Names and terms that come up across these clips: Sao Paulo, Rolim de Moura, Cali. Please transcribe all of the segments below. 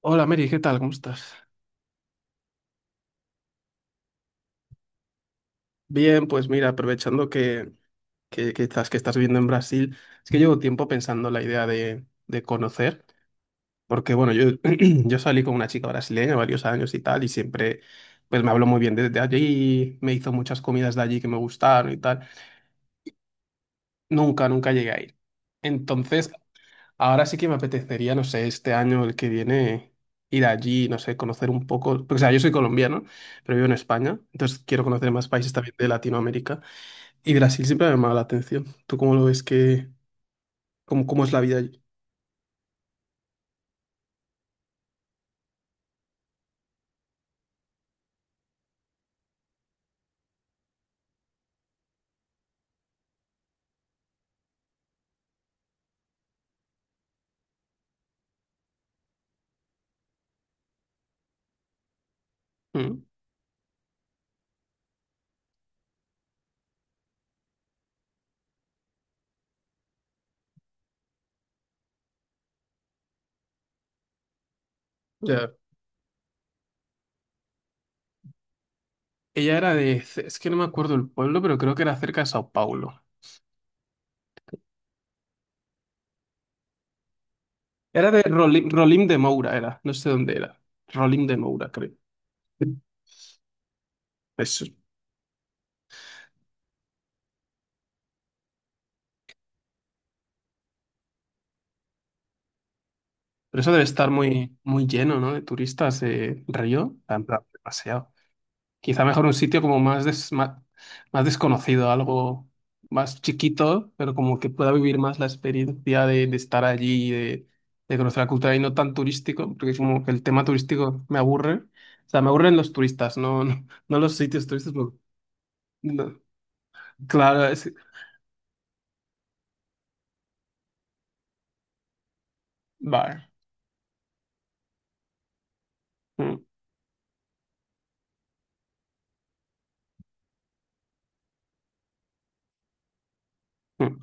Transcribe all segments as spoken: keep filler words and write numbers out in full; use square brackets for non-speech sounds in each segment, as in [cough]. Hola Mary, ¿qué tal? ¿Cómo estás? Bien, pues mira, aprovechando que, que, que estás, que estás viviendo en Brasil, es que llevo tiempo pensando la idea de, de conocer, porque bueno, yo, [clears throat] yo salí con una chica brasileña varios años y tal, y siempre pues me habló muy bien desde allí, me hizo muchas comidas de allí que me gustaron y tal. Nunca, nunca llegué a ir. Entonces, ahora sí que me apetecería, no sé, este año, el que viene, ir allí, no sé, conocer un poco, porque o sea, yo soy colombiano, pero vivo en España, entonces quiero conocer más países también de Latinoamérica. Y Brasil siempre me ha llamado la atención. ¿Tú cómo lo ves que, cómo, cómo es la vida allí? Mm, ya. Ella era de, C- es que no me acuerdo el pueblo, pero creo que era cerca de Sao Paulo. Era de Rolim, Rolim de Moura, era. No sé dónde era. Rolim de Moura, creo. Eso. Pero eso debe estar muy, muy lleno, ¿no? De turistas de Río. En plan, demasiado. Quizá mejor un sitio como más, des- ma- más, desconocido, algo más chiquito, pero como que pueda vivir más la experiencia de, de estar allí y de, de conocer la cultura y no tan turístico, porque como que el tema turístico me aburre. O sea, me aburren los turistas, no, no, no los sitios turísticos. No. Claro, es... Vale. Mm, mm,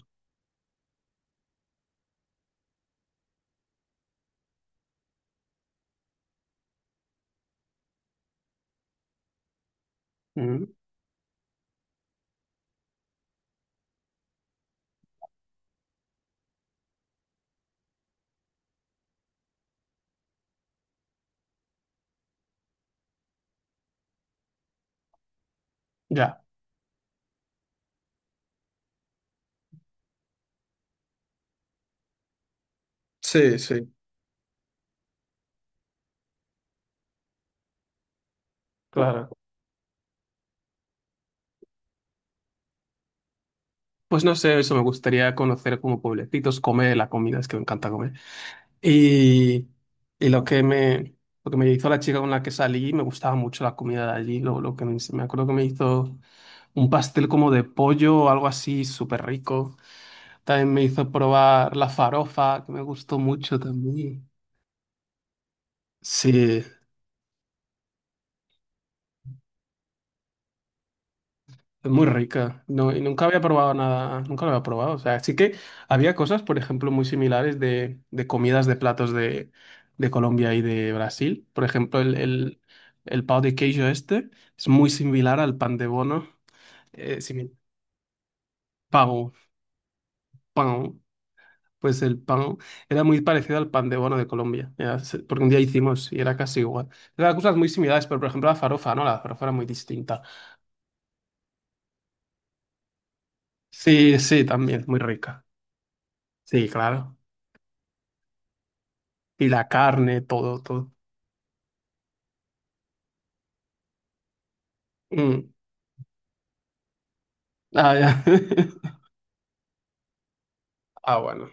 mm. Ya. Sí, sí, claro. Pues no sé, eso me gustaría conocer como pueblecitos, comer la comida, es que me encanta comer. Y, y lo que me, lo que me hizo la chica con la que salí, me gustaba mucho la comida de allí. Lo, lo que me, me acuerdo que me hizo un pastel como de pollo o algo así, súper rico. También me hizo probar la farofa, que me gustó mucho también. Sí, muy rica. No, y nunca había probado nada, nunca lo había probado. O sea, sí que había cosas, por ejemplo, muy similares de, de comidas de platos de, de Colombia y de Brasil. Por ejemplo, el, el, el pão de queijo este es muy similar al pan de bono. Eh, simi- pão, pão. Pues el pan era muy parecido al pan de bono de Colombia. Era se- porque un día hicimos y era casi igual. Eran cosas muy similares, pero por ejemplo la farofa, ¿no? La farofa era muy distinta. Sí, sí, también, muy rica. Sí, claro. Y la carne, todo, todo. Mm. Ah, ya. [laughs] Ah, bueno.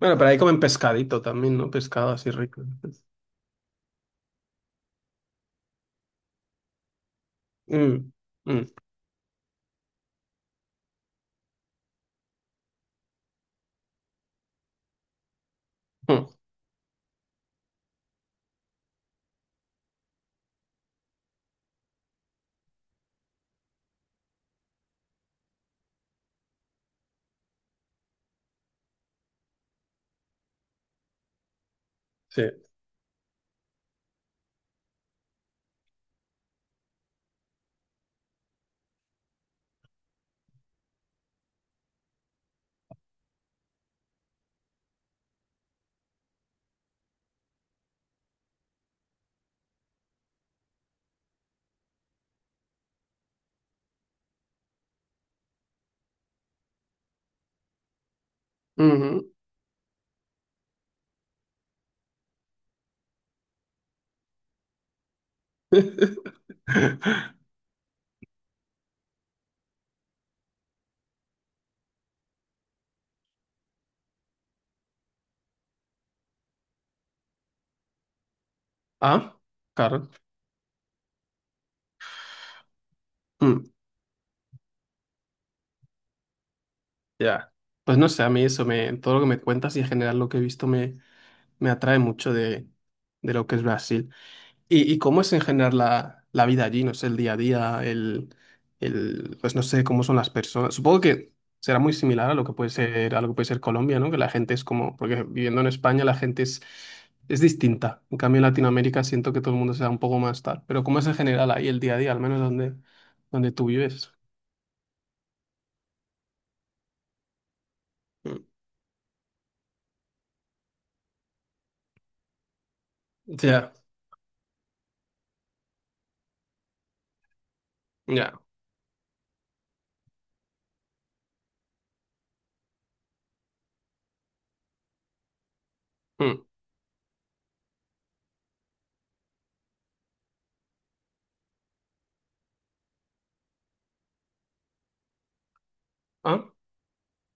Bueno, pero ahí comen pescadito también, ¿no? Pescado así rico. Mm, mm, mm, sí. Ujú. [laughs] Ah, claro. Mm, ya. Pues no sé, a mí eso me, todo lo que me cuentas y en general lo que he visto me, me atrae mucho de, de lo que es Brasil. ¿Y, y cómo es en general la, la vida allí? No sé, el día a día, el, el, pues no sé cómo son las personas. Supongo que será muy similar a lo que puede ser, a lo que puede ser Colombia, ¿no? Que la gente es como, porque viviendo en España la gente es, es distinta. En cambio, en Latinoamérica siento que todo el mundo se da un poco más tal. Pero ¿cómo es en general ahí el día a día, al menos donde, donde tú vives? Mm. Ya, ya. Mm. Ah,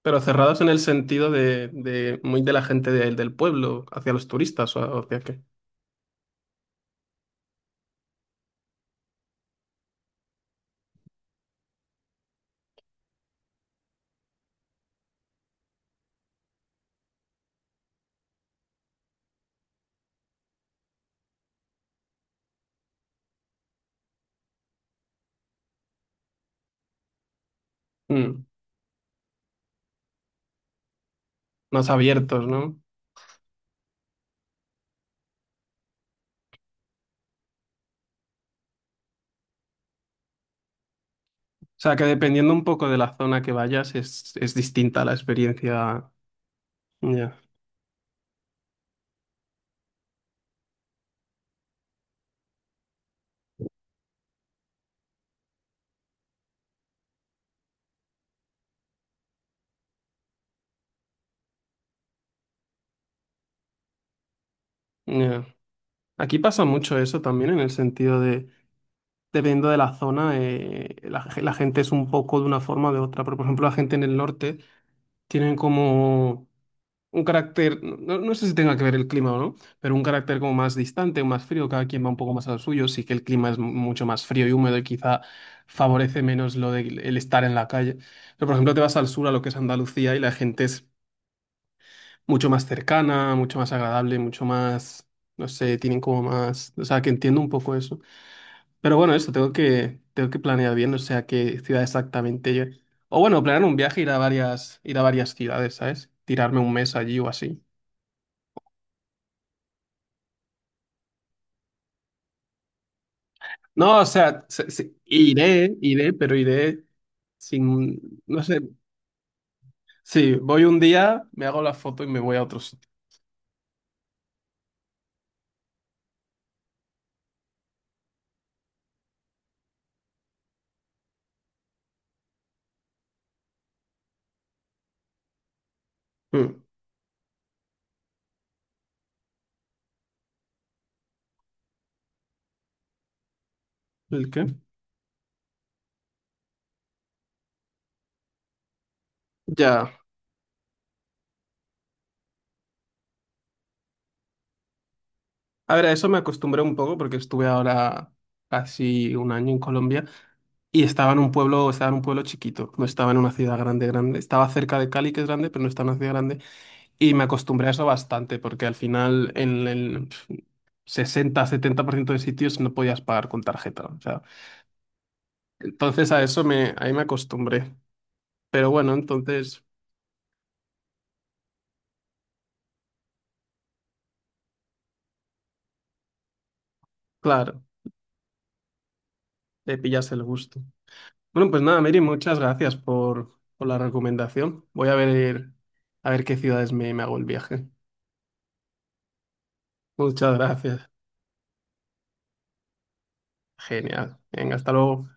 pero cerrados en el sentido de, de muy de la gente del del pueblo, hacia los turistas o hacia qué. Mm, más abiertos, ¿no? O sea, que dependiendo un poco de la zona que vayas, es, es distinta la experiencia. Ya, ya. Aquí pasa mucho eso también, en el sentido de, dependiendo de la zona, eh, la, ge- la gente es un poco de una forma o de otra. Pero, por ejemplo, la gente en el norte tienen como un carácter, no, no sé si tenga que ver el clima o no, pero un carácter como más distante o más frío, cada quien va un poco más al suyo. Sí que el clima es mucho más frío y húmedo y quizá favorece menos lo de el estar en la calle. Pero, por ejemplo, te vas al sur, a lo que es Andalucía, y la gente es mucho más cercana, mucho más agradable, mucho más, no sé, tienen como más, o sea, que entiendo un poco eso. Pero bueno, eso, tengo que, tengo que planear bien, o sea, qué ciudad exactamente yo. O bueno, planear un viaje, ir a varias, ir a varias ciudades, ¿sabes? Tirarme un mes allí o así. No, o sea, se- se- iré, iré, pero iré sin, no sé, sí, voy un día, me hago la foto y me voy a otro sitio. Mm, ¿el qué? Ya. A ver, a eso me acostumbré un poco porque estuve ahora casi un año en Colombia. Y estaba en un pueblo, estaba en un pueblo chiquito, no estaba en una ciudad grande, grande. Estaba cerca de Cali, que es grande, pero no estaba en una ciudad grande. Y me acostumbré a eso bastante, porque al final en el sesenta setenta por ciento de sitios no podías pagar con tarjeta. O sea, entonces a eso me, ahí me acostumbré. Pero bueno, entonces, claro, le pillas el gusto. Bueno, pues nada, Mary, muchas gracias por, por la recomendación. Voy a ver, a ver qué ciudades me, me hago el viaje. Muchas gracias. Genial. Venga, hasta luego.